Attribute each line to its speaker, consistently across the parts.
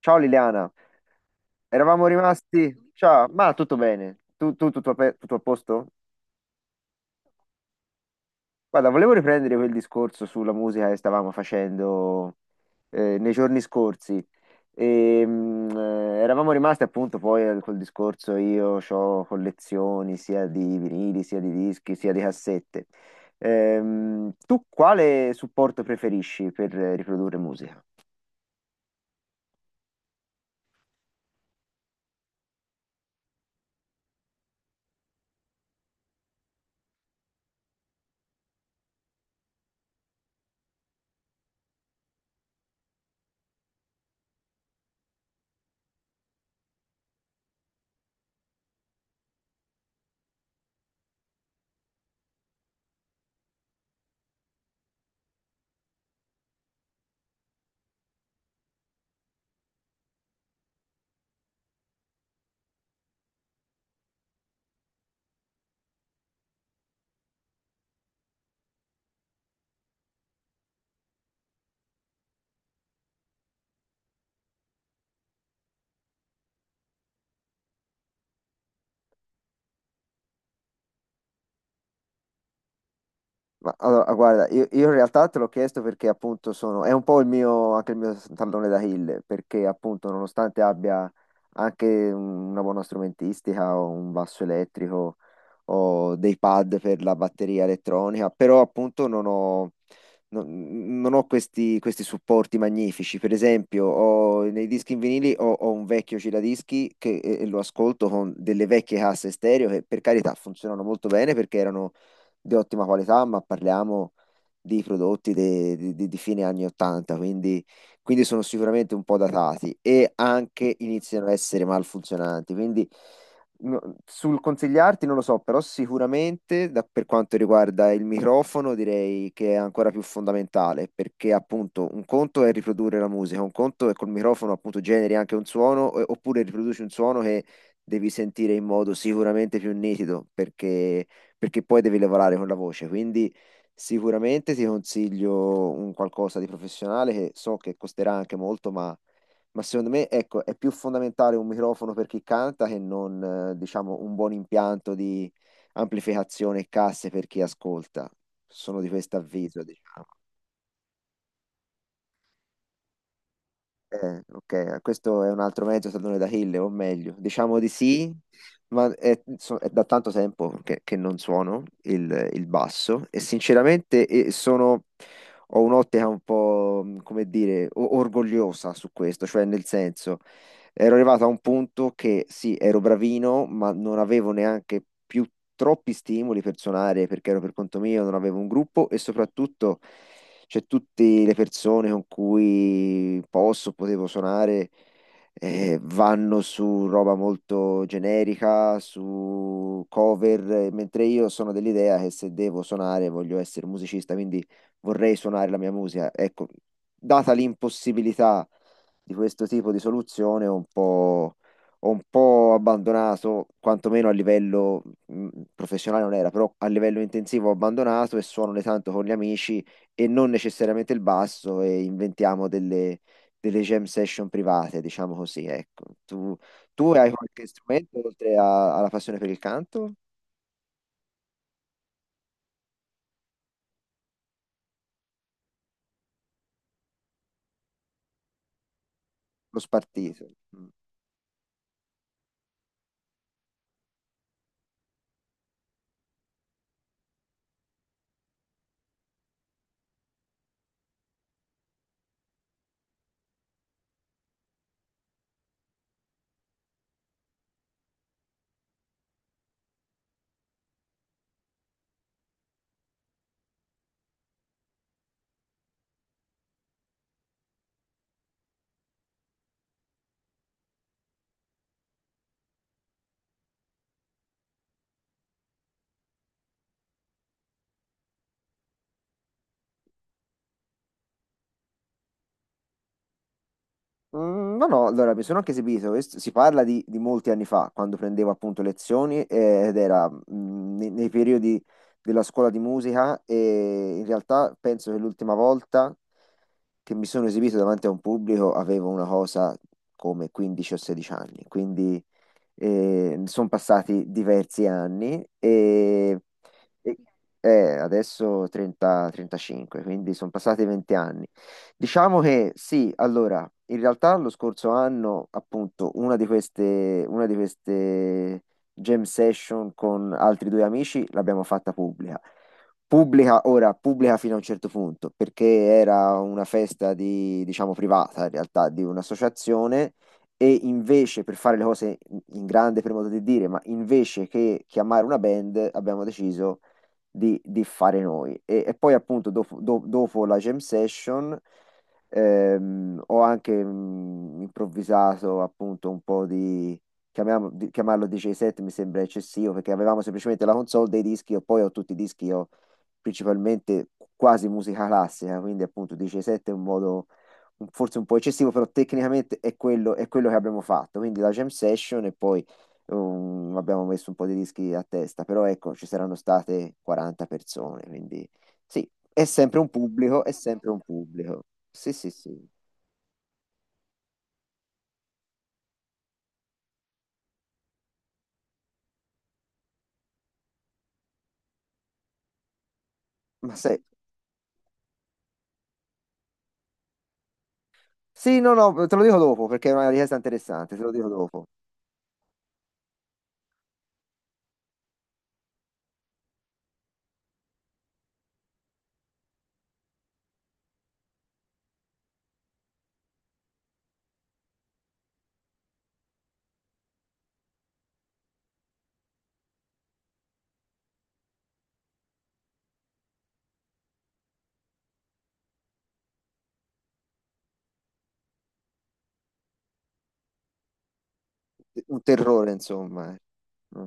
Speaker 1: Ciao Liliana, eravamo rimasti. Ciao, ma tutto bene? Tutto, tutto a posto? Guarda, volevo riprendere quel discorso sulla musica che stavamo facendo nei giorni scorsi. Eravamo rimasti appunto poi a quel discorso, io ho collezioni sia di vinili, sia di dischi, sia di cassette. Tu quale supporto preferisci per riprodurre musica? Ma allora, guarda, io in realtà te l'ho chiesto perché appunto sono, è un po' il mio, anche il mio tallone d'Achille, perché appunto nonostante abbia anche una buona strumentistica, ho un basso elettrico, ho dei pad per la batteria elettronica, però appunto non ho questi supporti magnifici. Per esempio, nei dischi in vinili ho un vecchio giradischi che lo ascolto con delle vecchie casse stereo che per carità funzionano molto bene perché erano di ottima qualità, ma parliamo di prodotti di fine anni 80, quindi sono sicuramente un po' datati e anche iniziano a essere malfunzionanti. Quindi sul consigliarti non lo so, però sicuramente per quanto riguarda il microfono direi che è ancora più fondamentale perché appunto un conto è riprodurre la musica, un conto è col microfono appunto generi anche un suono oppure riproduci un suono che devi sentire in modo sicuramente più nitido perché poi devi lavorare con la voce, quindi sicuramente ti consiglio un qualcosa di professionale che so che costerà anche molto, ma secondo me, ecco, è più fondamentale un microfono per chi canta che non, diciamo, un buon impianto di amplificazione e casse per chi ascolta. Sono di questo avviso, diciamo. Ok, questo è un altro mezzo tallone d'Achille, o meglio, diciamo di sì, ma è, è da tanto tempo che non suono il basso e sinceramente ho un'ottica un po', come dire, orgogliosa su questo, cioè nel senso, ero arrivato a un punto che sì, ero bravino, ma non avevo neanche più troppi stimoli per suonare perché ero per conto mio, non avevo un gruppo e soprattutto cioè tutte le persone con cui potevo suonare vanno su roba molto generica, su cover, mentre io sono dell'idea che se devo suonare voglio essere musicista, quindi vorrei suonare la mia musica. Ecco, data l'impossibilità di questo tipo di soluzione, ho un po' abbandonato, quantomeno a livello professionale non era, però a livello intensivo ho abbandonato e suono ogni tanto con gli amici e non necessariamente il basso e inventiamo delle jam session private, diciamo così, ecco. Tu hai qualche strumento oltre alla passione per il canto? Lo spartito. Mm. Mm, no, allora mi sono anche esibito, si parla di molti anni fa, quando prendevo appunto lezioni ed era nei, nei periodi della scuola di musica e in realtà penso che l'ultima volta che mi sono esibito davanti a un pubblico avevo una cosa come 15 o 16 anni, quindi sono passati diversi anni e, e- adesso 30, 35, quindi sono passati 20 anni. Diciamo che sì, allora, in realtà lo scorso anno, appunto, una di queste jam session con altri due amici l'abbiamo fatta pubblica. Pubblica, ora, pubblica fino a un certo punto, perché era una festa di, diciamo, privata, in realtà, di un'associazione e invece, per fare le cose in grande, per modo di dire, ma invece che chiamare una band, abbiamo deciso di fare noi. E poi appunto dopo, dopo la jam session ho anche improvvisato appunto un po' di, chiamarlo DJ set mi sembra eccessivo perché avevamo semplicemente la console dei dischi e poi ho tutti i dischi, ho principalmente quasi musica classica, quindi appunto DJ set è un modo forse un po' eccessivo, però tecnicamente è quello che abbiamo fatto, quindi la jam session e poi abbiamo messo un po' di rischi a testa, però ecco, ci saranno state 40 persone, quindi sì, è sempre un pubblico, è sempre un pubblico. Sì, sì, sì. Ma sai, sì, no, no, te lo dico dopo, perché è una richiesta interessante, te lo dico dopo. Un terrore, insomma, eh. Mm.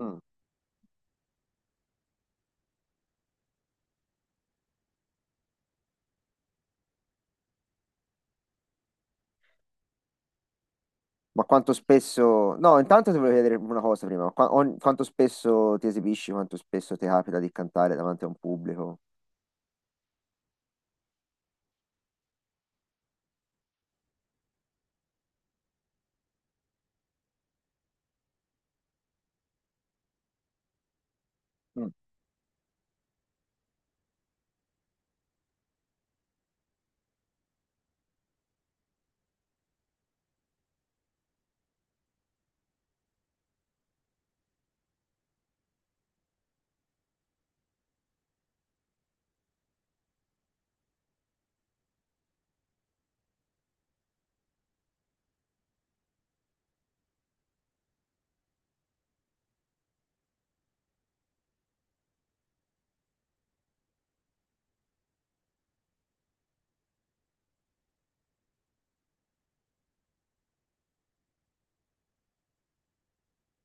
Speaker 1: Mm. Ma quanto spesso... No, intanto ti volevo chiedere una cosa prima. Quanto spesso ti esibisci, quanto spesso ti capita di cantare davanti a un pubblico? Mm.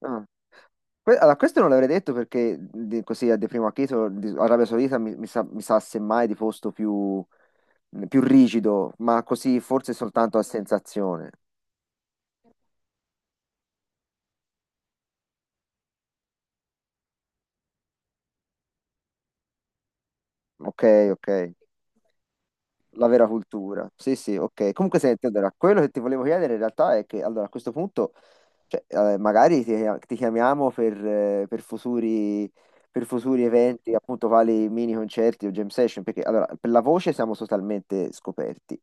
Speaker 1: Ah. Allora, questo non l'avrei detto perché così a di primo acchito Arabia Saudita mi sa semmai di posto più rigido, ma così forse soltanto a sensazione. Ok, ok. La vera cultura. Sì, sì, ok. Comunque senti, allora, quello che ti volevo chiedere in realtà è che allora, a questo punto, cioè, ti chiamiamo per, per futuri eventi, appunto, quali mini concerti o jam session, perché allora, per la voce siamo totalmente scoperti.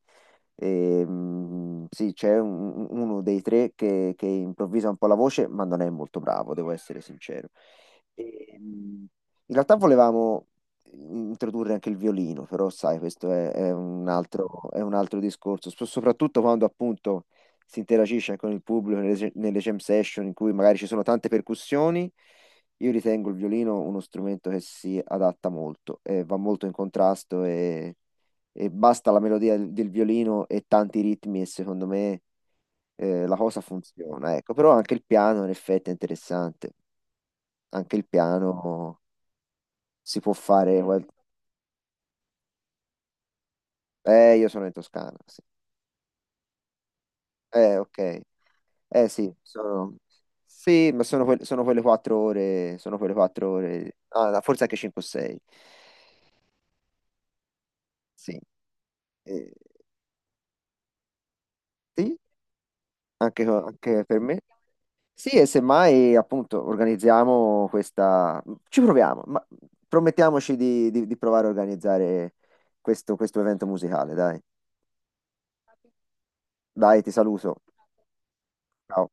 Speaker 1: E, mm, sì, uno dei tre che improvvisa un po' la voce, ma non è molto bravo, devo essere sincero. E, mm, in realtà volevamo introdurre anche il violino, però sai, questo è, è un altro discorso. Soprattutto quando appunto si interagisce anche con il pubblico nelle jam session in cui magari ci sono tante percussioni, io ritengo il violino uno strumento che si adatta molto, va molto in contrasto e basta la melodia del violino e tanti ritmi e secondo me la cosa funziona, ecco, però anche il piano in effetti è interessante, anche il piano si può fare... io sono in Toscana, sì. Ok. Eh sì, sono... Sì, ma sono, sono quelle quattro ore, sono quelle quattro ore, ah, no, forse anche 5 o 6. Sì, eh, sì, anche, anche per me. Sì, e semmai appunto organizziamo questa... Ci proviamo, ma promettiamoci di, di provare a organizzare questo evento musicale, dai. Dai, ti saluto. Ciao.